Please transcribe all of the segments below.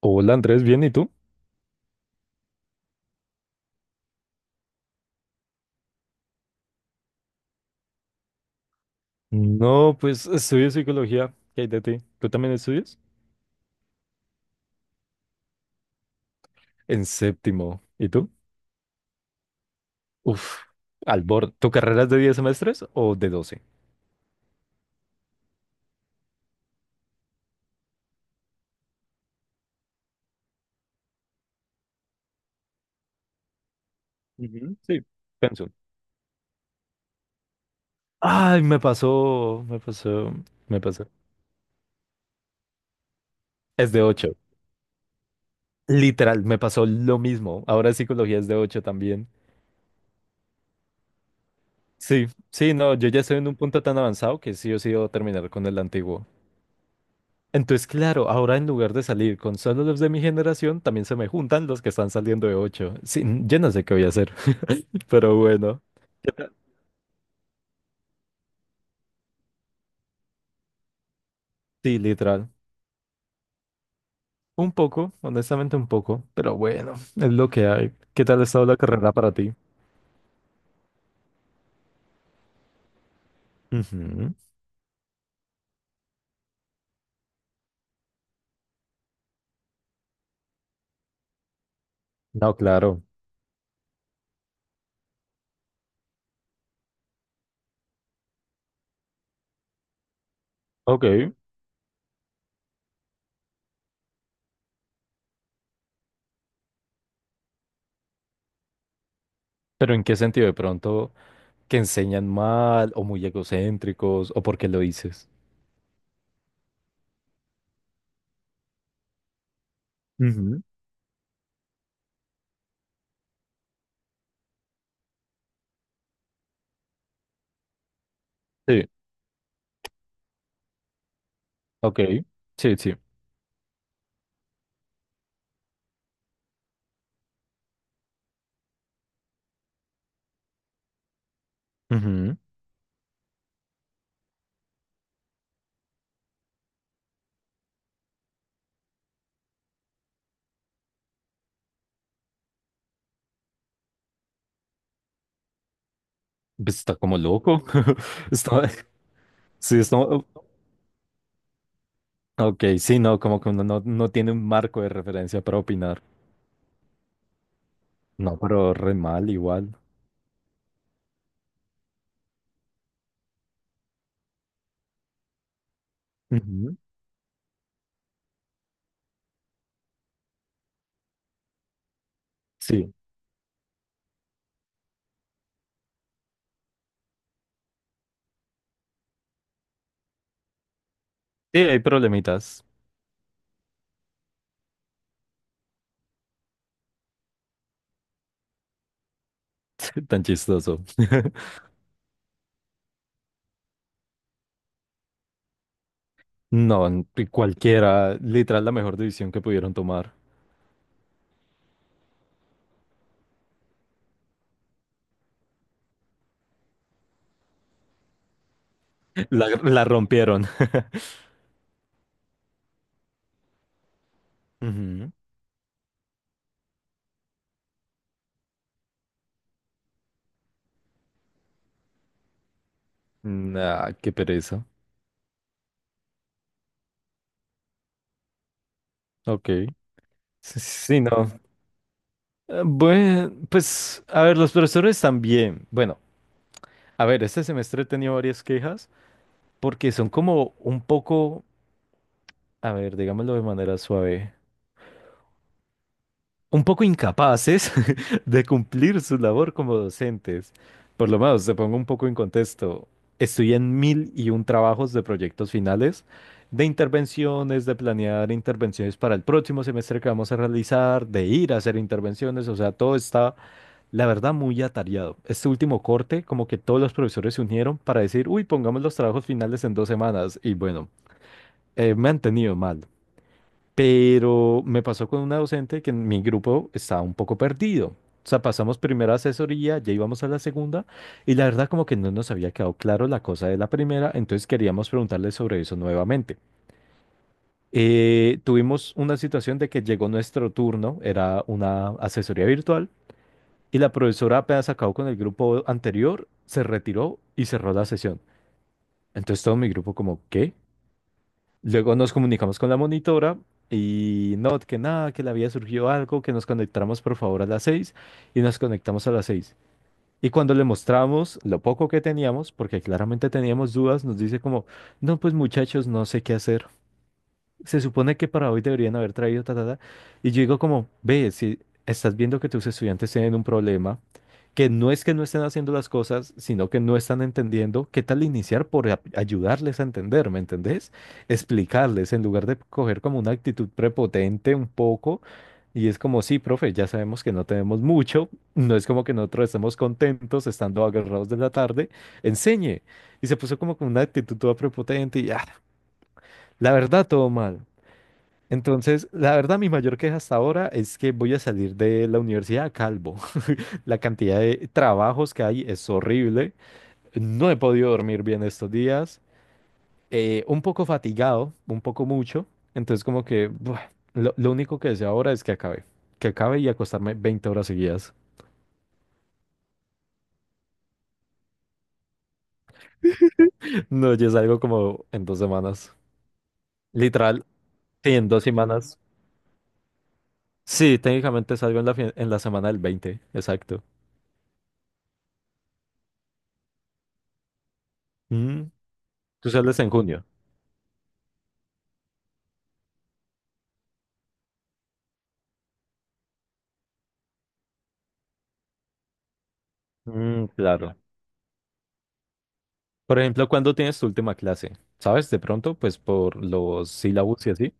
Hola Andrés, ¿bien? ¿Y tú? No, pues estudio psicología. ¿Qué hay de ti? ¿Tú también estudias? En séptimo. ¿Y tú? Uf, al borde. ¿Tu carrera es de 10 semestres o de 12? Ujú, sí. Pensum. Ay, me pasó, me pasó, me pasó. Es de 8. Literal, me pasó lo mismo. Ahora psicología es de 8 también. Sí, sí, no, yo ya estoy en un punto tan avanzado que sí o sí debo terminar con el antiguo. Entonces, claro, ahora en lugar de salir con solo los de mi generación, también se me juntan los que están saliendo de 8. Sí, yo no sé qué voy a hacer, pero bueno. ¿Qué tal? Sí, literal. Un poco, honestamente un poco, pero bueno, es lo que hay. ¿Qué tal ha estado la carrera para ti? Ujú. No, claro. Ok. Pero ¿en qué sentido de pronto que enseñan mal o muy egocéntricos o por qué lo dices? Ujú. Sí, ok. Sí, sí. Ujú. Pues está como loco. Está, sí, está. Ok, sí, no, como que uno no tiene un marco de referencia para opinar. No, pero re mal igual. Ujú. Sí. Sí, hay problemitas. Tan chistoso. No, cualquiera, literal, la mejor decisión que pudieron tomar. La rompieron. Ujú. Nah, qué pereza. Ok. Sí, sí, no. Bueno, pues, a ver, los profesores también. Bueno, a ver, este semestre he tenido varias quejas porque son como un poco, a ver, digámoslo de manera suave, un poco incapaces de cumplir su labor como docentes. Por lo menos, te pongo un poco en contexto. Estoy en mil y un trabajos de proyectos finales, de intervenciones, de planear intervenciones para el próximo semestre que vamos a realizar, de ir a hacer intervenciones. O sea, todo está, la verdad, muy atareado. Este último corte, como que todos los profesores se unieron para decir, uy, pongamos los trabajos finales en 2 semanas. Y bueno, me han tenido mal. Pero me pasó con una docente que en mi grupo estaba un poco perdido. O sea, pasamos primera asesoría, ya íbamos a la segunda, y la verdad como que no nos había quedado claro la cosa de la primera, entonces queríamos preguntarle sobre eso nuevamente. Tuvimos una situación de que llegó nuestro turno, era una asesoría virtual, y la profesora apenas acabó con el grupo anterior, se retiró y cerró la sesión. Entonces todo mi grupo como, ¿qué? Luego nos comunicamos con la monitora y no, que nada, que le había surgido algo, que nos conectáramos por favor a las 6 y nos conectamos a las 6. Y cuando le mostramos lo poco que teníamos, porque claramente teníamos dudas, nos dice como, no, pues muchachos, no sé qué hacer. Se supone que para hoy deberían haber traído ta, ta, ta. Y yo digo como, ve, si estás viendo que tus estudiantes tienen un problema, que no es que no estén haciendo las cosas, sino que no están entendiendo, ¿qué tal iniciar por ayudarles a entender? ¿Me entendés? Explicarles, en lugar de coger como una actitud prepotente un poco. Y es como, sí, profe, ya sabemos que no tenemos mucho, no es como que nosotros estemos contentos estando agarrados de la tarde, enseñe. Y se puso como con una actitud toda prepotente y, ah, la verdad, todo mal. Entonces, la verdad, mi mayor queja hasta ahora es que voy a salir de la universidad calvo. La cantidad de trabajos que hay es horrible. No he podido dormir bien estos días. Un poco fatigado, un poco mucho. Entonces, como que buah, lo único que deseo ahora es que acabe. Que acabe y acostarme 20 horas seguidas. No, ya salgo como en 2 semanas. Literal, sí, en 2 semanas. Sí, técnicamente salgo en la semana del 20, exacto. Mm, tú sales en junio. Mm, claro. Por ejemplo, ¿cuándo tienes tu última clase? ¿Sabes? De pronto, pues por los sílabos y así.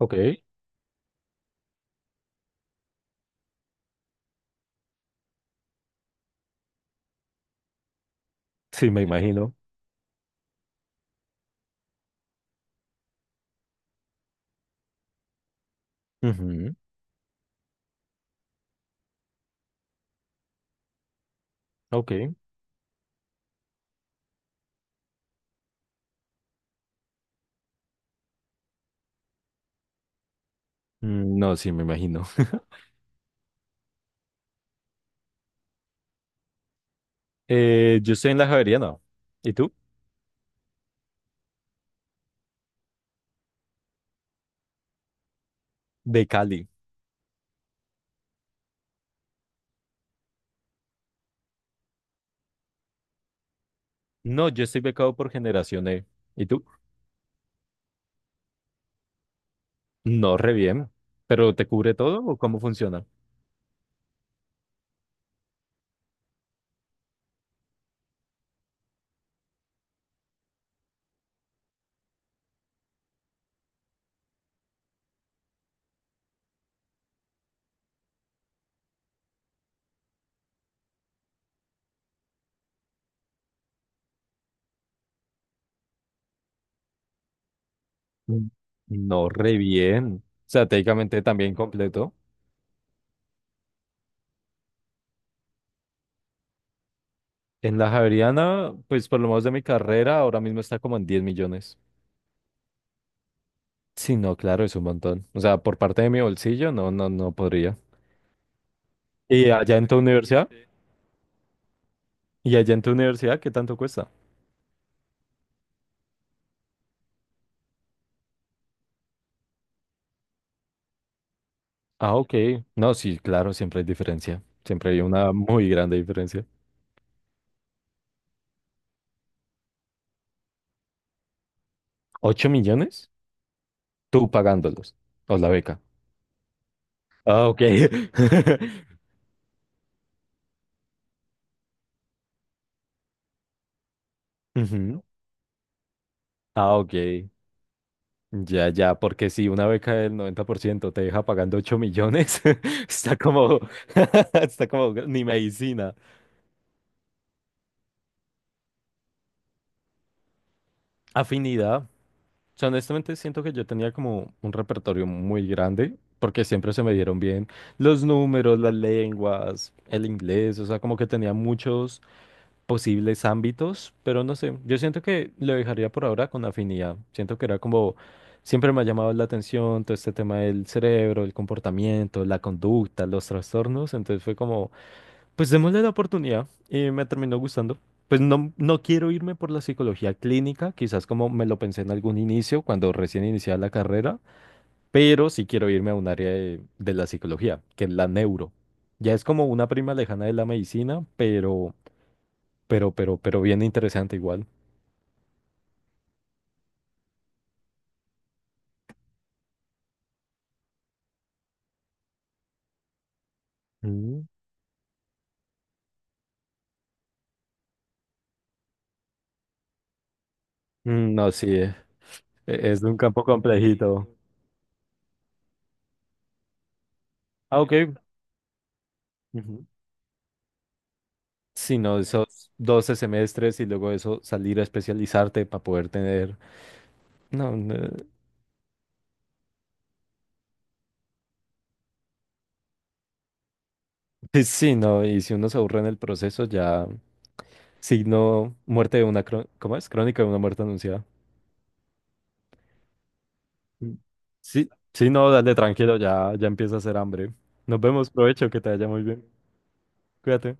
Ok, sí, me imagino. Ujú. Ok. Mm, no, sí, me imagino. Yo estoy en la Javeriana. ¿Y tú? De Cali. No, yo estoy becado por Generación E. ¿Y tú? No, re bien. ¿Pero te cubre todo o cómo funciona? Mm. No, re bien. O sea, técnicamente también completo. En la Javeriana, pues por lo menos de mi carrera, ahora mismo está como en 10 millones. Sí, no, claro, es un montón. O sea, por parte de mi bolsillo, no, no, no podría. ¿Y allá en tu universidad? ¿Y allá en tu universidad qué tanto cuesta? Ah, ok. No, sí, claro, siempre hay diferencia. Siempre hay una muy grande diferencia. ¿Ocho millones? Tú pagándolos. O la beca. Ah, ok. Ujú. Ah, ok. Ya, ya, porque si una beca del 90% te deja pagando 8 millones, está como, está como ni medicina. Afinidad. O sea, honestamente siento que yo tenía como un repertorio muy grande, porque siempre se me dieron bien los números, las lenguas, el inglés, o sea, como que tenía muchos posibles ámbitos, pero no sé, yo siento que lo dejaría por ahora con afinidad. Siento que era como, siempre me ha llamado la atención todo este tema del cerebro, el comportamiento, la conducta, los trastornos, entonces fue como... Pues démosle la oportunidad y me terminó gustando. Pues no, no quiero irme por la psicología clínica, quizás como me lo pensé en algún inicio, cuando recién iniciaba la carrera, pero sí quiero irme a un área de la psicología, que es la neuro. Ya es como una prima lejana de la medicina, pero bien interesante igual. Mm. Mm, no, sí, es, de un campo complejito. Ah, ok. Ujú. Sí, no, esos 12 semestres y luego eso salir a especializarte para poder tener... No, no. Pues sí, no, y si uno se aburre en el proceso, ya signo muerte de una, ¿cómo es? Crónica de una muerte anunciada. Mm. Sí, sí, no, dale tranquilo, ya, ya empieza a hacer hambre. Nos vemos, provecho, que te vaya muy bien. Cuídate.